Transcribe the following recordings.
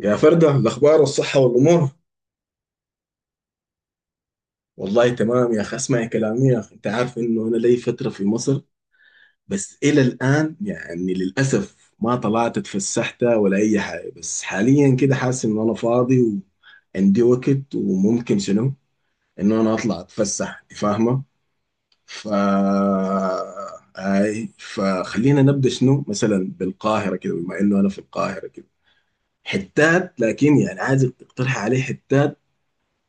يا فردة الأخبار والصحة والأمور. والله تمام يا أخي، اسمعي كلامي يا أخي، أنت عارف إنه أنا لي فترة في مصر. بس إلى الآن يعني للأسف ما طلعت اتفسحت ولا أي حاجة، بس حاليا كده حاسس إنه أنا فاضي وعندي وقت وممكن شنو إنه أنا أطلع أتفسح، أنت فاهمة؟ ف أي، فخلينا نبدأ شنو مثلا بالقاهرة كده، بما إنه أنا في القاهرة كده. حتات، لكن يعني عايزك تقترح عليه حتات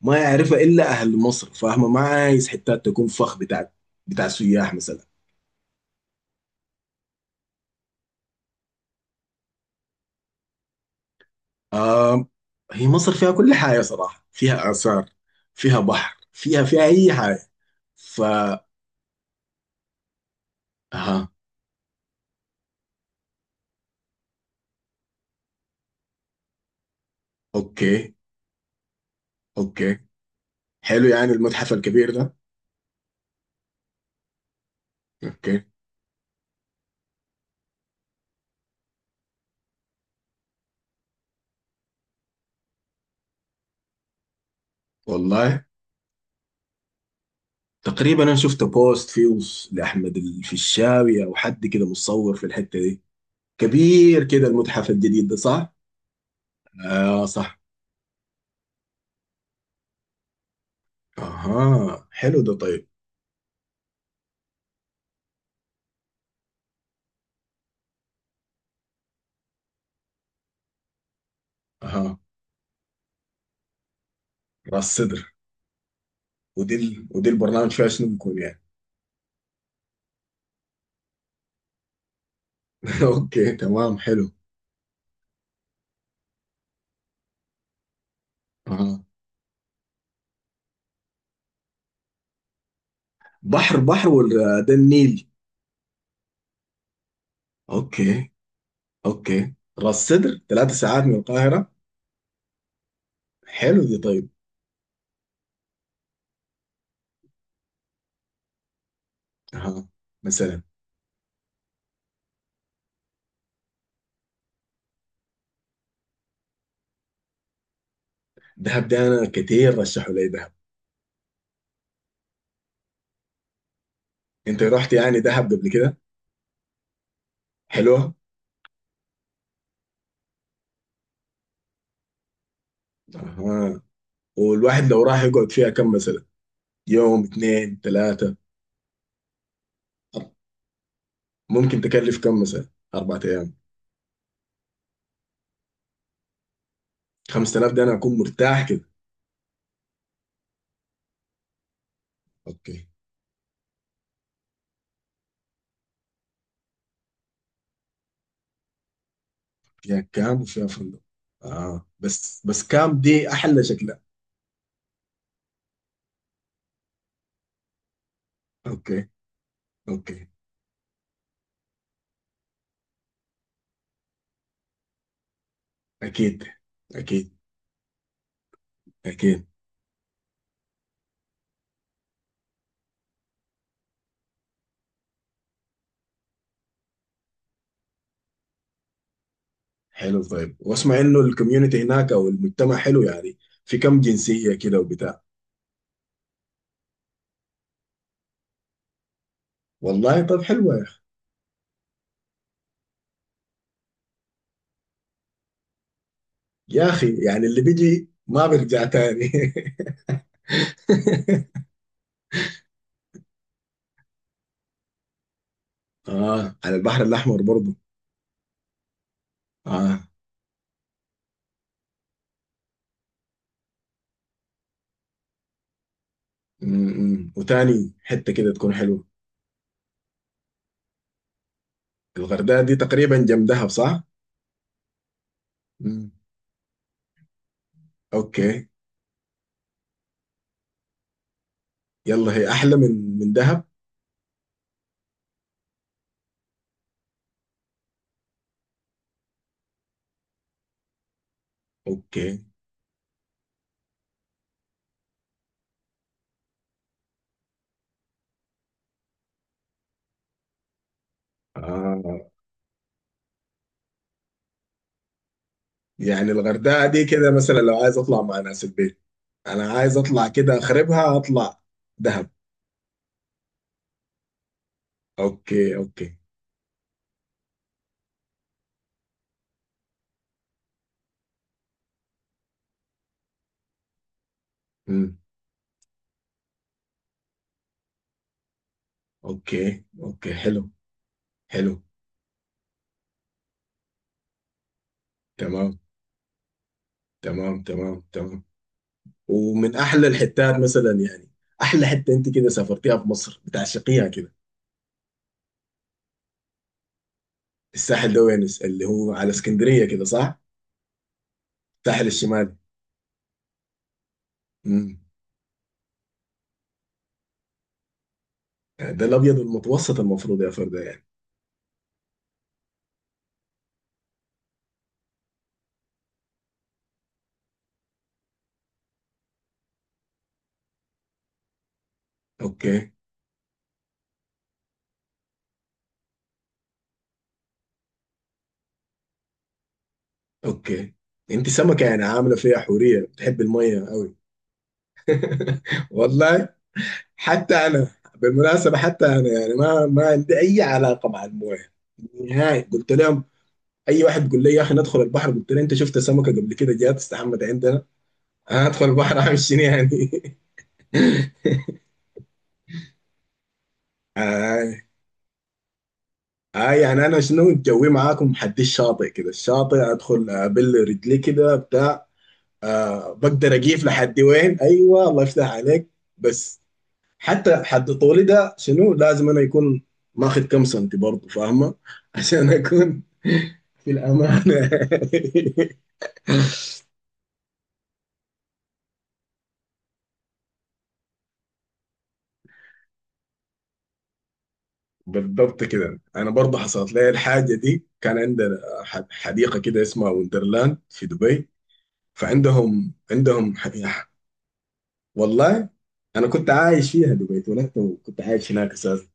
ما يعرفها الا اهل مصر، فاهمه؟ ما عايز حتات تكون فخ بتاع سياح مثلا. آه، هي مصر فيها كل حاجه صراحه، فيها اثار، فيها بحر، فيها اي حاجه. ف اها. اوكي، اوكي، حلو يعني المتحف الكبير ده. اوكي. والله تقريبا انا شفت بوست فيه لاحمد الفيشاوي او حد كده مصور في الحته دي، كبير كده المتحف الجديد ده صح؟ اه صح. اها، حلو ده طيب. اها، راس صدر. ودي ودي البرنامج فيها شنو بيكون يعني؟ اوكي تمام حلو. آه. بحر بحر ولا ده النيل؟ اوكي. اوكي، راس سدر 3 ساعات من القاهرة. حلو دي طيب. آه. مثلا دهب. ده انا كتير رشحوا لي دهب. انت رحت يعني دهب قبل كده؟ حلوة. آه. والواحد لو راح يقعد فيها كم مثلا؟ يوم، اثنين، ثلاثة؟ ممكن تكلف كم مثلا 4 أيام؟ 5000، ده أنا أكون مرتاح كده. أوكي. فيها كام وفيها فندق. اه بس كام دي احلى شكلها. اوكي. اوكي. اكيد. اكيد. اكيد. حلو طيب، واسمع انه الكوميونتي هناك او المجتمع حلو يعني؟ في كم جنسية كده وبتاع؟ والله طب حلوة يا اخي. يا اخي يعني اللي بيجي ما بيرجع تاني. اه على البحر الاحمر برضه. اه. امم، وتاني حتة كده تكون حلوة؟ الغردقة دي تقريبا جنب دهب صح؟ امم. اوكي. يلا هي احلى من دهب. اوكي. آه يعني الغردقة دي كده مثلا لو عايز اطلع مع ناس البيت، انا عايز اطلع كده اخربها اطلع. دهب. اوكي، اوكي. امم. اوكي، اوكي، حلو. حلو. تمام. تمام، تمام، تمام. ومن احلى الحتات مثلا يعني؟ احلى حتة انت كده سافرتيها في مصر بتعشقيها كده؟ الساحل ده وين، اللي هو على اسكندرية كده صح؟ الساحل الشمالي. امم. ده الابيض المتوسط المفروض يا فردة يعني. اوكي. اوكي. انت سمكه يعني، عامله فيها حوريه بتحب الميه قوي. والله. حتى انا. بالمناسبه حتى انا يعني ما عندي اي علاقه مع المويه. نهائي. قلت لهم اي واحد يقول لي يا اخي ندخل البحر قلت له انت شفت سمكه قبل كده جات استحمت عندنا؟ انا ادخل البحر اعمل شنو يعني؟ آي. آي يعني انا شنو، جوي معاكم حد الشاطئ كده، الشاطئ ادخل ابل رجلي كده بتاع. آه بقدر اجيف لحد وين. ايوه الله يفتح عليك. بس حتى حد طولي ده شنو، لازم انا يكون ماخذ كم سنتي برضه، فاهمه؟ عشان اكون في الامانه. بالضبط كده، انا برضه حصلت لي الحاجه دي. كان عندنا حديقه كده اسمها وندرلاند في دبي. عندهم حديقة. والله انا كنت عايش فيها دبي، اتولدت وكنت عايش هناك اساسا.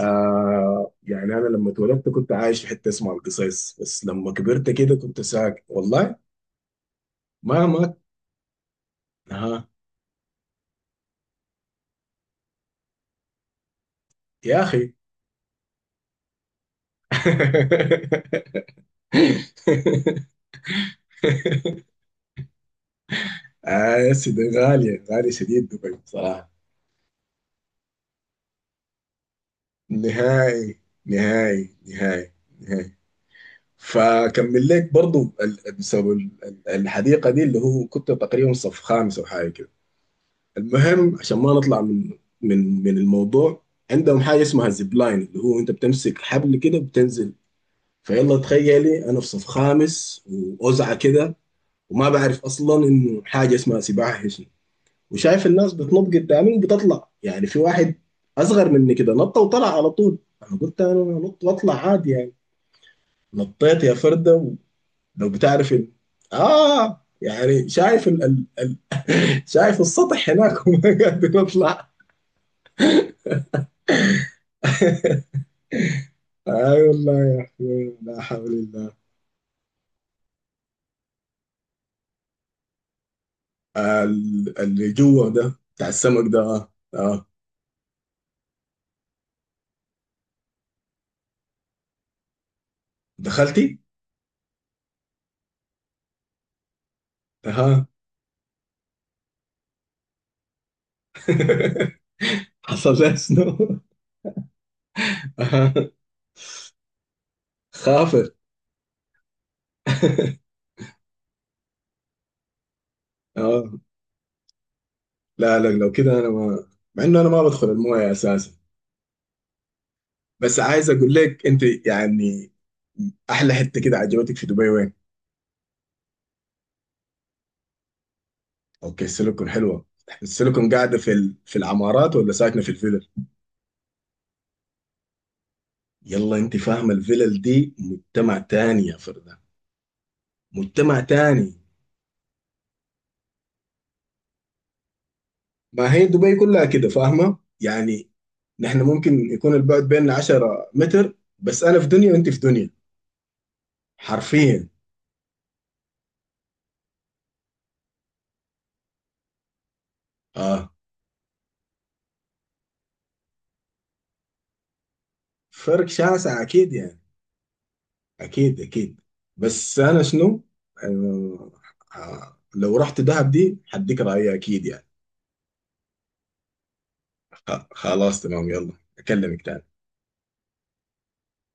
آه يعني انا لما اتولدت كنت عايش في حته اسمها القصيص، بس لما كبرت كده كنت ساكن والله ما ما. يا اخي. آه يا سيدي، غالية، غالية شديد دبي بصراحة. نهائي. نهائي. نهائي. نهائي. فكمل لك برضو بسبب الحديقة دي، اللي هو كنت تقريبا صف خامس أو حاجة كده. المهم عشان ما نطلع من الموضوع، عندهم حاجة اسمها زيب لاين، اللي هو أنت بتمسك حبل كده وبتنزل فيلا. تخيلي أنا في صف خامس وأوزعة كده وما بعرف أصلا إنه حاجة اسمها سباحة، وشايف الناس بتنط قدامي وبتطلع، يعني في واحد اصغر مني كده نط وطلع على طول، انا قلت انا نط واطلع عادي يعني. نطيت يا فرده ولو بتعرف اه يعني شايف شايف السطح هناك وما قادر اطلع. اي والله يا اخي لا حول الله. آه، اللي جوا ده بتاع السمك ده، اه اه. دخلتي؟ اها. حصل لها شنو؟ اها. خافر. اه لا لا، لو كده انا ما، مع انه انا ما بدخل المويه اساسا، بس عايز اقول لك انت يعني. احلى حته كده عجبتك في دبي وين؟ اوكي، السيليكون حلوه. السيليكون قاعده في في العمارات ولا ساكنه في الفلل؟ يلا انت فاهمه الفلل دي مجتمع تاني يا فرده، مجتمع تاني. ما هي دبي كلها كده فاهمه؟ يعني نحن ممكن يكون البعد بيننا 10 متر، بس انا في دنيا وانت في دنيا، حرفيا. اه، فرق شاسع اكيد يعني. اكيد، اكيد. بس انا شنو، آه، آه، لو رحت دهب دي هديك رأيي اكيد يعني. خلاص تمام، يلا اكلمك تاني.